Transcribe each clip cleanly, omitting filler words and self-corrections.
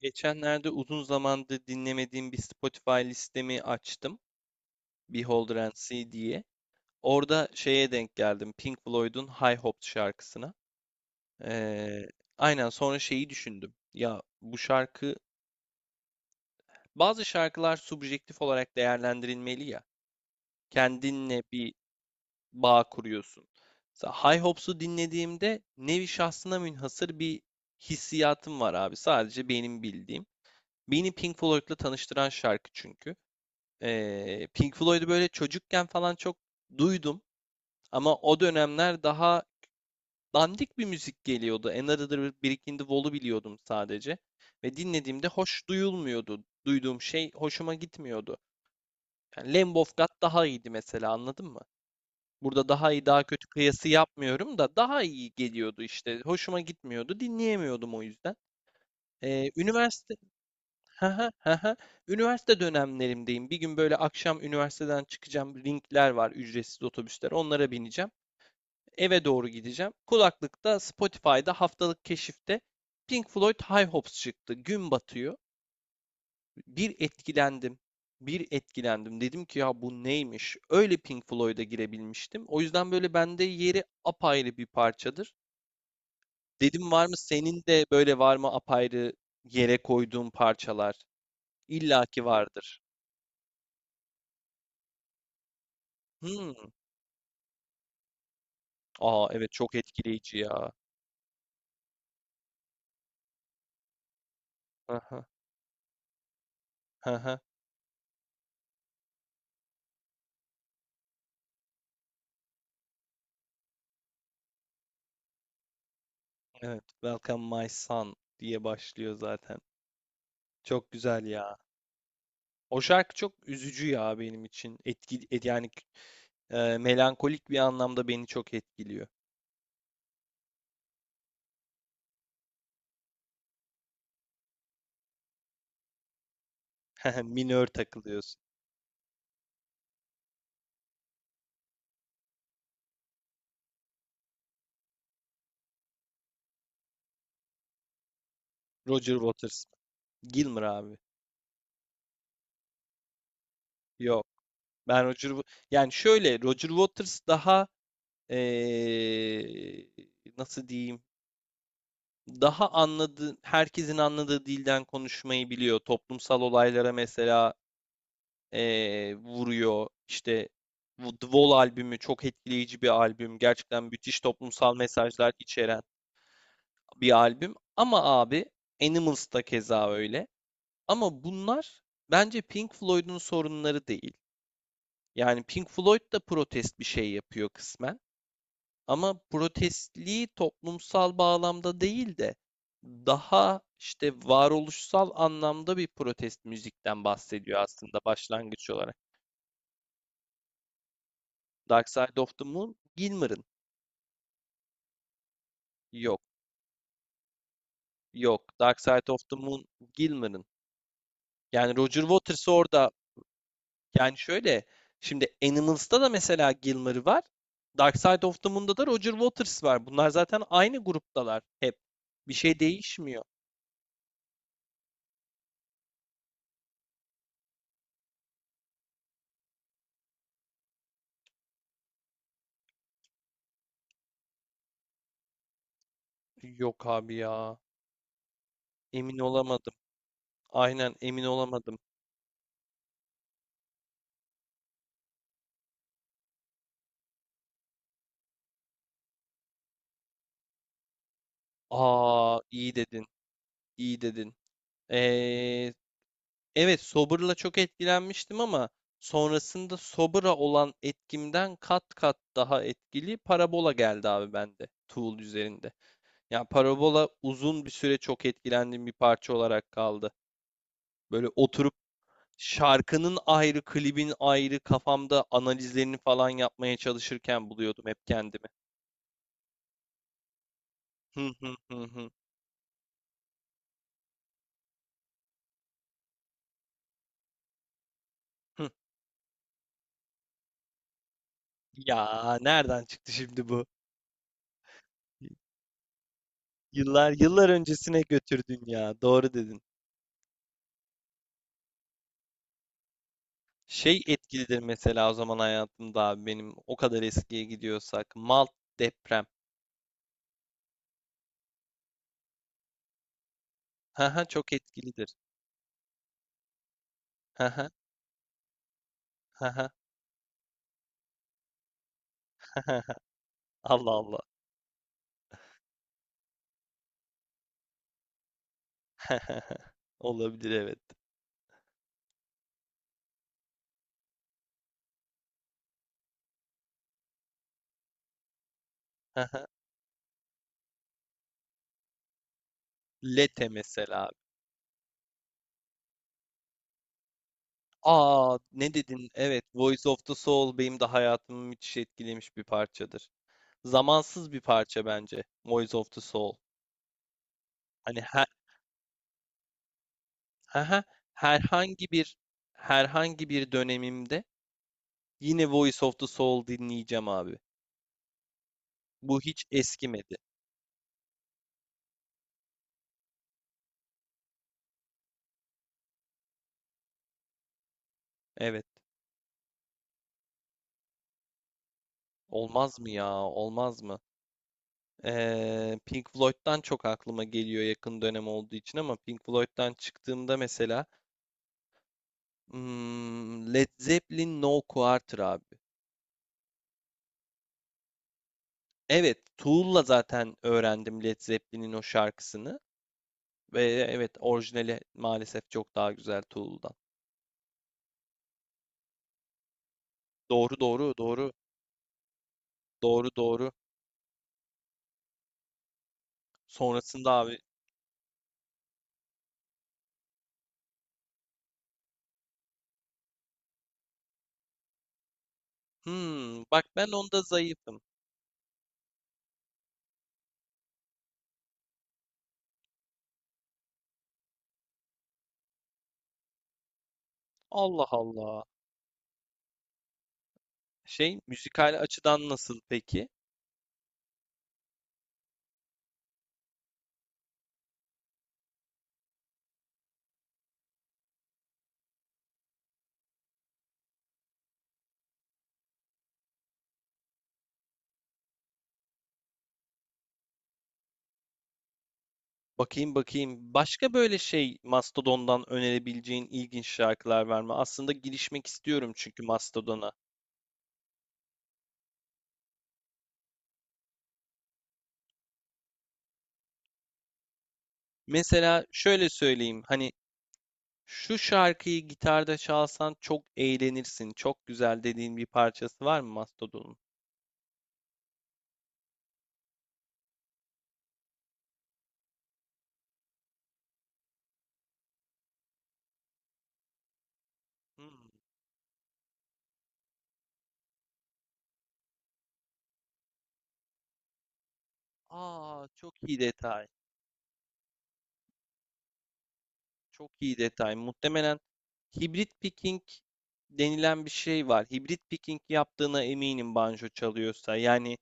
Geçenlerde uzun zamandır dinlemediğim bir Spotify listemi açtım. Beholder and See diye. Orada denk geldim. Pink Floyd'un High Hopes şarkısına. Ee, aynen sonra düşündüm. Ya bu şarkı, bazı şarkılar subjektif olarak değerlendirilmeli ya. Kendinle bir bağ kuruyorsun. Mesela High Hopes'u dinlediğimde nevi şahsına münhasır bir hissiyatım var abi. Sadece benim bildiğim. Beni Pink Floyd'la tanıştıran şarkı çünkü. Pink Floyd'u böyle çocukken falan çok duydum ama o dönemler daha dandik bir müzik geliyordu. Another Brick in the Wall'u biliyordum sadece ve dinlediğimde hoş duyulmuyordu. Duyduğum şey hoşuma gitmiyordu. Yani Lamb of God daha iyiydi mesela, anladın mı? Burada daha iyi daha kötü kıyası yapmıyorum da daha iyi geliyordu işte. Hoşuma gitmiyordu, dinleyemiyordum o yüzden. Üniversite Hı hı, hı hı. Üniversite dönemlerimdeyim. Bir gün böyle akşam üniversiteden çıkacağım. Ringler var, ücretsiz otobüsler. Onlara bineceğim. Eve doğru gideceğim. Kulaklıkta Spotify'da haftalık keşifte Pink Floyd High Hopes çıktı. Gün batıyor. Bir etkilendim. Bir etkilendim. Dedim ki ya bu neymiş? Öyle Pink Floyd'a girebilmiştim. O yüzden böyle bende yeri apayrı bir parçadır. Dedim var mı senin de böyle var mı apayrı yere koyduğun parçalar? İlla ki vardır. Hmm. Aa evet, çok etkileyici ya. Aha, aha, evet. Welcome my son diye başlıyor zaten. Çok güzel ya. O şarkı çok üzücü ya benim için. Yani melankolik bir anlamda beni çok etkiliyor. Minör takılıyorsun. Roger Waters. Gilmour abi. Yok. Ben Roger Wa- yani şöyle Roger Waters daha eee, nasıl diyeyim? Daha anladığı Herkesin anladığı dilden konuşmayı biliyor. Toplumsal olaylara mesela vuruyor. İşte bu The Wall albümü çok etkileyici bir albüm. Gerçekten müthiş toplumsal mesajlar içeren bir albüm. Ama abi Animals da keza öyle. Ama bunlar bence Pink Floyd'un sorunları değil. Yani Pink Floyd da protest bir şey yapıyor kısmen. Ama protestliği toplumsal bağlamda değil de daha işte varoluşsal anlamda bir protest müzikten bahsediyor aslında başlangıç olarak. Dark Side of the Moon, Gilmour'ın. Yok. Yok. Dark Side of the Moon Gilmour'ın. Yani Roger Waters orada, yani şöyle, şimdi Animals'ta da mesela Gilmour var. Dark Side of the Moon'da da Roger Waters var. Bunlar zaten aynı gruptalar hep. Bir şey değişmiyor. Yok abi ya. Emin olamadım. Aynen, emin olamadım. Aa iyi dedin. İyi dedin. Ee, Evet, Sober'la çok etkilenmiştim ama sonrasında Sober'a olan etkimden kat kat daha etkili Parabola geldi abi bende Tool üzerinde. Yani Parabola uzun bir süre çok etkilendiğim bir parça olarak kaldı. Böyle oturup şarkının ayrı, klibin ayrı kafamda analizlerini falan yapmaya çalışırken buluyordum hep kendimi. Hı hı, hı hı. Hı. Ya nereden çıktı şimdi bu? Yıllar yıllar öncesine götürdün ya. Doğru dedin. Şey etkilidir mesela o zaman hayatımda abi benim, o kadar eskiye gidiyorsak. Malt deprem. Haha, çok etkilidir. Haha, haha, haha. Allah Allah. Olabilir, evet. Haha. Lete mesela abi. Aa ne dedin? Evet, Voice of the Soul benim de hayatımı müthiş etkilemiş bir parçadır. Zamansız bir parça bence Voice of the Soul. Hani her, haha, herhangi bir herhangi bir dönemimde yine Voice of the Soul dinleyeceğim abi. Bu hiç eskimedi. Evet. Olmaz mı ya? Olmaz mı? Pink Floyd'dan çok aklıma geliyor yakın dönem olduğu için ama Pink Floyd'dan çıktığımda mesela Led Zeppelin No Quarter abi. Evet, Tool'la zaten öğrendim Led Zeppelin'in o şarkısını ve evet, orijinali maalesef çok daha güzel Tool'dan. Doğru doğru doğru doğru. Sonrasında abi bak ben onda zayıfım. Allah Allah. Şey, müzikal açıdan nasıl peki? Bakayım bakayım. Başka böyle şey, Mastodon'dan önerebileceğin ilginç şarkılar var mı? Aslında girişmek istiyorum çünkü Mastodon'a. Mesela şöyle söyleyeyim. Hani şu şarkıyı gitarda çalsan çok eğlenirsin. Çok güzel dediğin bir parçası var mı Mastodon'un? Hmm. Aa çok iyi detay. Çok iyi detay. Muhtemelen hibrit picking denilen bir şey var. Hibrit picking yaptığına eminim, banjo çalıyorsa. Yani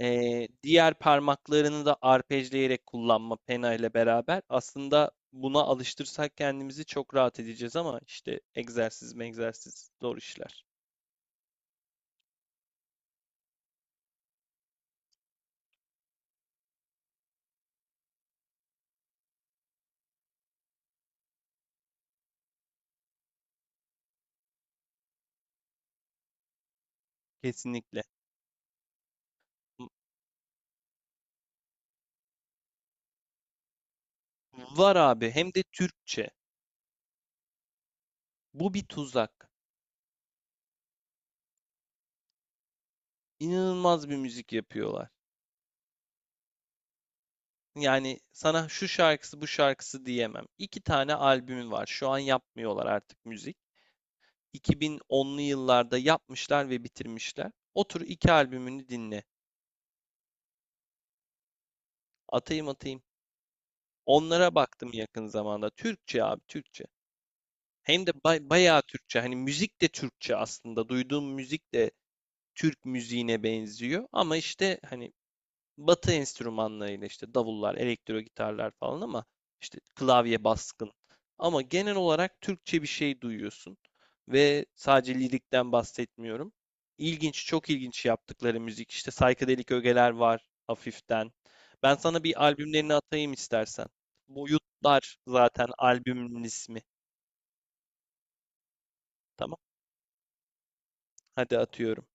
Diğer parmaklarını da arpejleyerek kullanma pena ile beraber, aslında buna alıştırsak kendimizi çok rahat edeceğiz ama işte, egzersiz mi egzersiz, zor işler. Kesinlikle. Var abi, hem de Türkçe. Bu bir tuzak. İnanılmaz bir müzik yapıyorlar. Yani sana şu şarkısı bu şarkısı diyemem. İki tane albümü var. Şu an yapmıyorlar artık müzik. 2010'lu yıllarda yapmışlar ve bitirmişler. Otur iki albümünü dinle. Atayım atayım. Onlara baktım yakın zamanda. Türkçe abi, Türkçe. Hem de bayağı Türkçe. Hani müzik de Türkçe aslında. Duyduğum müzik de Türk müziğine benziyor. Ama işte hani Batı enstrümanlarıyla, işte davullar, elektro gitarlar falan, ama işte klavye baskın. Ama genel olarak Türkçe bir şey duyuyorsun ve sadece lirikten bahsetmiyorum. İlginç, çok ilginç yaptıkları müzik. İşte psychedelic ögeler var hafiften. Ben sana bir albümlerini atayım istersen. Boyutlar zaten albümün ismi. Tamam. Hadi atıyorum.